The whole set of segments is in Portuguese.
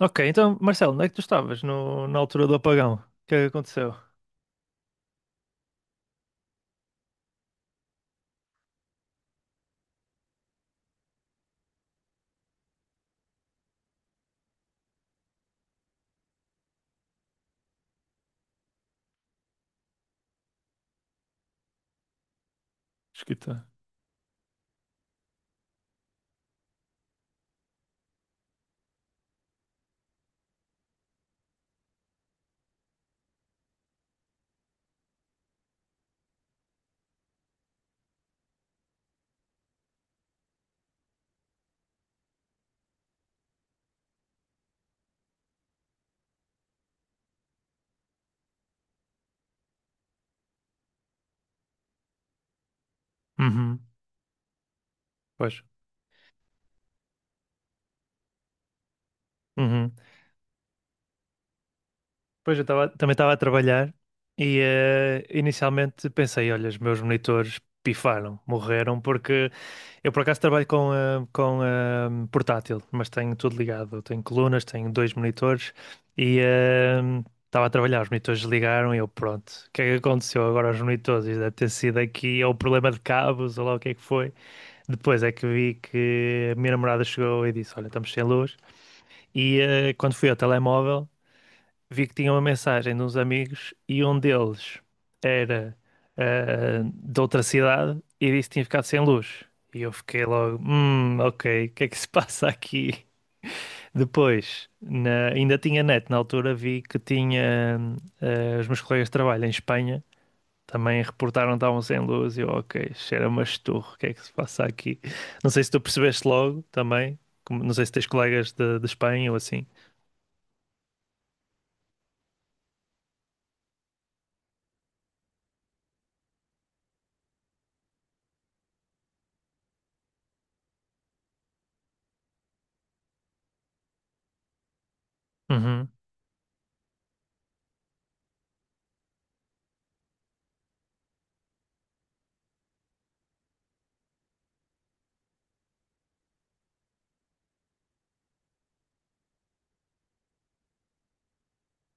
Ok, então, Marcelo, onde é que tu estavas no, na altura do apagão? O que é que aconteceu? Esquita. Uhum. Pois. Uhum. Pois eu tava, também estava a trabalhar e inicialmente pensei, olha, os meus monitores pifaram, morreram, porque eu por acaso trabalho com portátil, mas tenho tudo ligado. Tenho colunas, tenho dois monitores e estava a trabalhar, os monitores ligaram e eu pronto. O que é que aconteceu agora aos monitores? Deve ter sido aqui ou problema de cabos ou lá o que é que foi. Depois é que vi que a minha namorada chegou e disse: "Olha, estamos sem luz." E quando fui ao telemóvel, vi que tinha uma mensagem de uns amigos e um deles era de outra cidade e disse que tinha ficado sem luz. E eu fiquei logo: "Hum, ok, o que é que se passa aqui?" Depois, ainda tinha net, na altura vi que tinha os meus colegas de trabalho em Espanha também reportaram que estavam sem luz e eu, ok, cheira-me a esturro, o que é que se passa aqui? Não sei se tu percebeste logo também, não sei se tens colegas de Espanha ou assim. Uhum.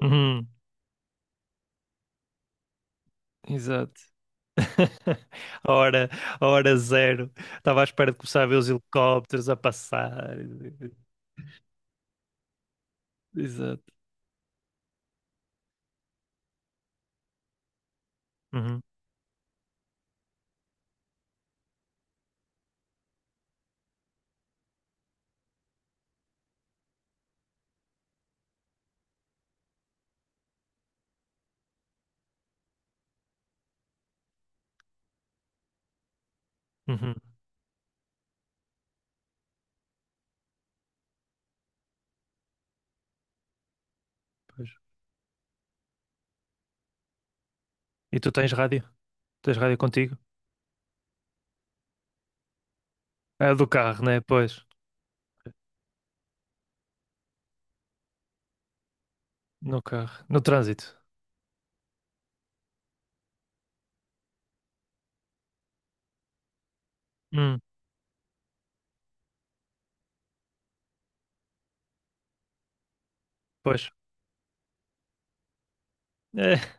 Uhum. Exato. A hora, a hora zero. Estava à espera de começar a ver os helicópteros a passar. Exato. Uhum. Uhum. Pois. E tu tens rádio? Tens rádio contigo? É do carro, né? Pois. No carro. No trânsito. Hum. Pois.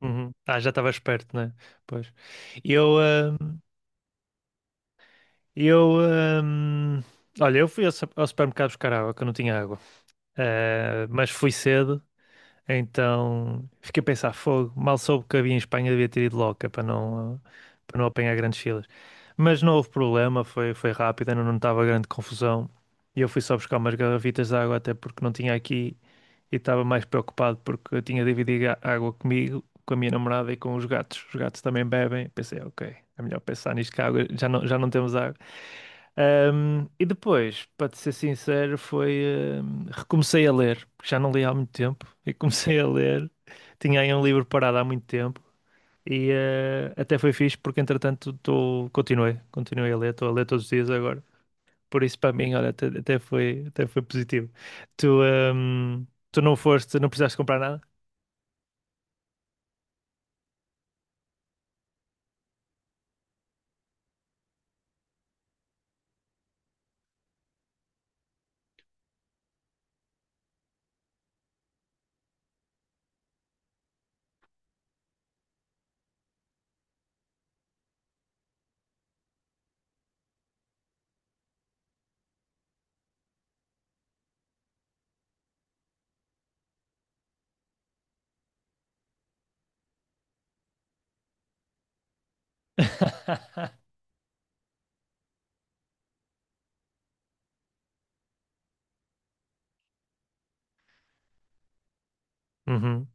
Uhum. Ah, já estava esperto, né? Pois. Eu, ah, eu, ah, olha, eu fui ao ao supermercado buscar água, que eu não tinha água. Ah, mas fui cedo, então fiquei a pensar, fogo, mal soube que havia em Espanha, devia ter ido logo, que é para não, ah, para não apanhar grandes filas. Mas não houve problema, foi rápido, ainda não estava grande confusão. E eu fui só buscar umas garrafitas de água, até porque não tinha aqui e estava mais preocupado porque eu tinha dividido a água comigo, com a minha namorada e com os gatos. Os gatos também bebem. Pensei, ok, é melhor pensar nisto que a água, já não temos água. E depois, para te ser sincero, foi. Ahm, recomecei a ler, porque já não li há muito tempo, e comecei a ler. Tinha aí um livro parado há muito tempo. E até foi fixe porque entretanto continuei a ler, estou a ler todos os dias agora. Por isso para mim, olha, até foi positivo. Tu, tu não foste, não precisaste comprar nada? Uhum.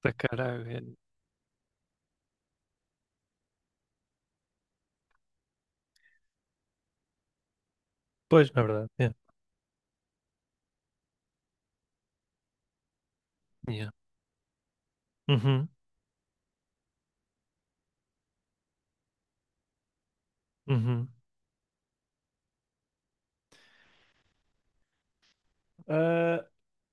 Tá caro. Pois, na verdade. Yeah. Yeah. Uhum. Uhum. Ah,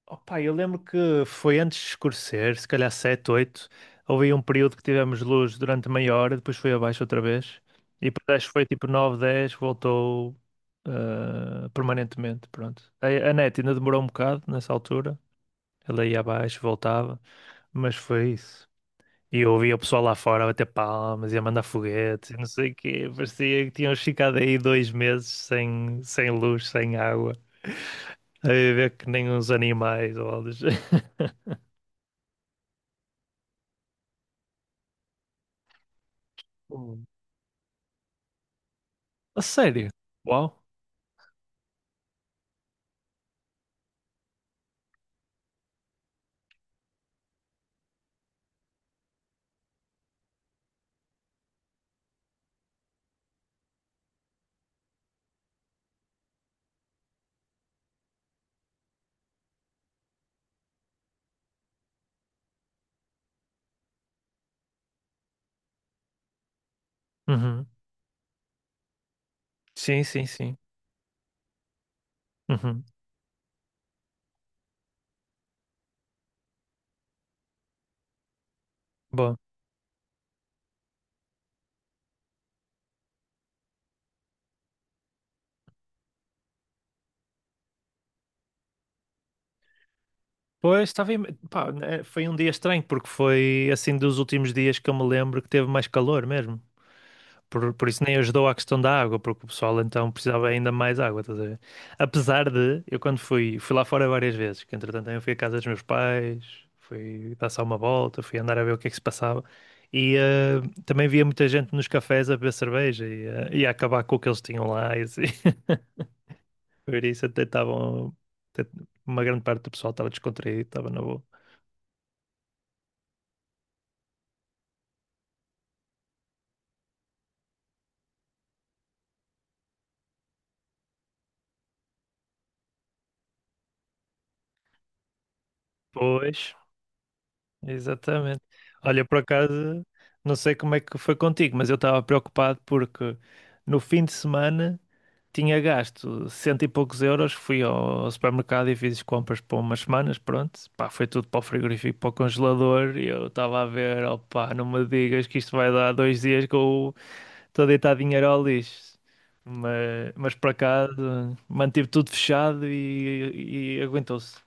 opa, eu lembro que foi antes de escurecer, se calhar 7, 8. Houve aí um período que tivemos luz durante meia hora, depois foi abaixo outra vez. E depois acho que foi tipo 9, 10, voltou permanentemente, pronto. A net ainda demorou um bocado nessa altura. Ela ia abaixo, voltava, mas foi isso. E eu ouvia o pessoal lá fora a bater palmas e a mandar foguetes e não sei o quê. Parecia que tinham ficado aí 2 meses sem luz, sem água, a viver que nem uns animais ou algo do género. Hum. A sério? Uau. Uhum. Sim, sim, sim. Uhum. Bom. Pois, estava... Pá, né, foi um dia estranho, porque foi assim dos últimos dias que eu me lembro que teve mais calor mesmo. Por isso nem ajudou à questão da água, porque o pessoal então precisava ainda mais água, estás a ver? Apesar de, eu quando fui lá fora várias vezes, que entretanto eu fui à casa dos meus pais, fui dar só uma volta, fui andar a ver o que é que se passava. E também via muita gente nos cafés a beber cerveja e a acabar com o que eles tinham lá e assim. Por isso até estavam. Até uma grande parte do pessoal estava descontraído, estava na boa. Pois, exatamente. Olha, por acaso, não sei como é que foi contigo, mas eu estava preocupado porque no fim de semana tinha gasto cento e poucos euros. Fui ao supermercado e fiz compras para umas semanas, pronto. Pá, foi tudo para o frigorífico, para o congelador. E eu estava a ver, opá, não me digas que isto vai dar 2 dias que eu estou deitado em Arolis, mas por acaso mantive tudo fechado e aguentou-se.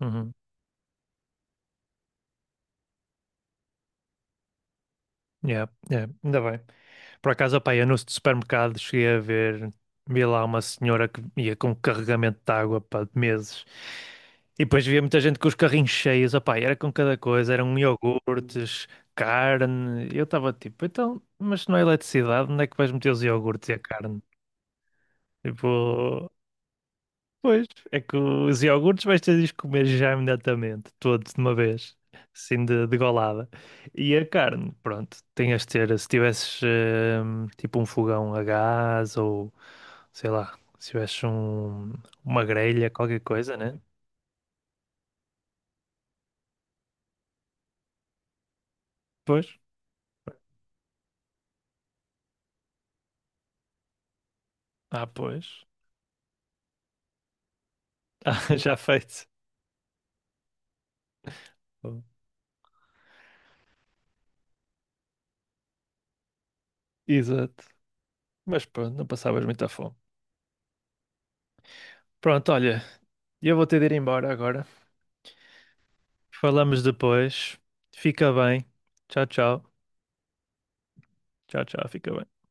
Uhum. Yeah, yeah, ainda bem. Por acaso, opa, eu no supermercado cheguei a ver, vi lá uma senhora que ia com um carregamento de água, pá, de meses. E depois via muita gente com os carrinhos cheios, opá, e era com cada coisa, eram iogurtes, carne. E eu estava tipo, então, mas se não é eletricidade, onde é que vais meter os iogurtes e a carne? Tipo, pois, é que os iogurtes vais ter de os comer já imediatamente, todos de uma vez, assim de golada. E a carne, pronto, tinhas de ter, se tivesses tipo um fogão a gás ou sei lá, se tivesses uma grelha, qualquer coisa, né? Pois, ah, pois, ah, já feito. Exato, mas pronto, não passavas muita fome. Pronto, olha, eu vou ter de ir embora agora. Falamos depois, fica bem, tchau, tchau, tchau, tchau, fica bem.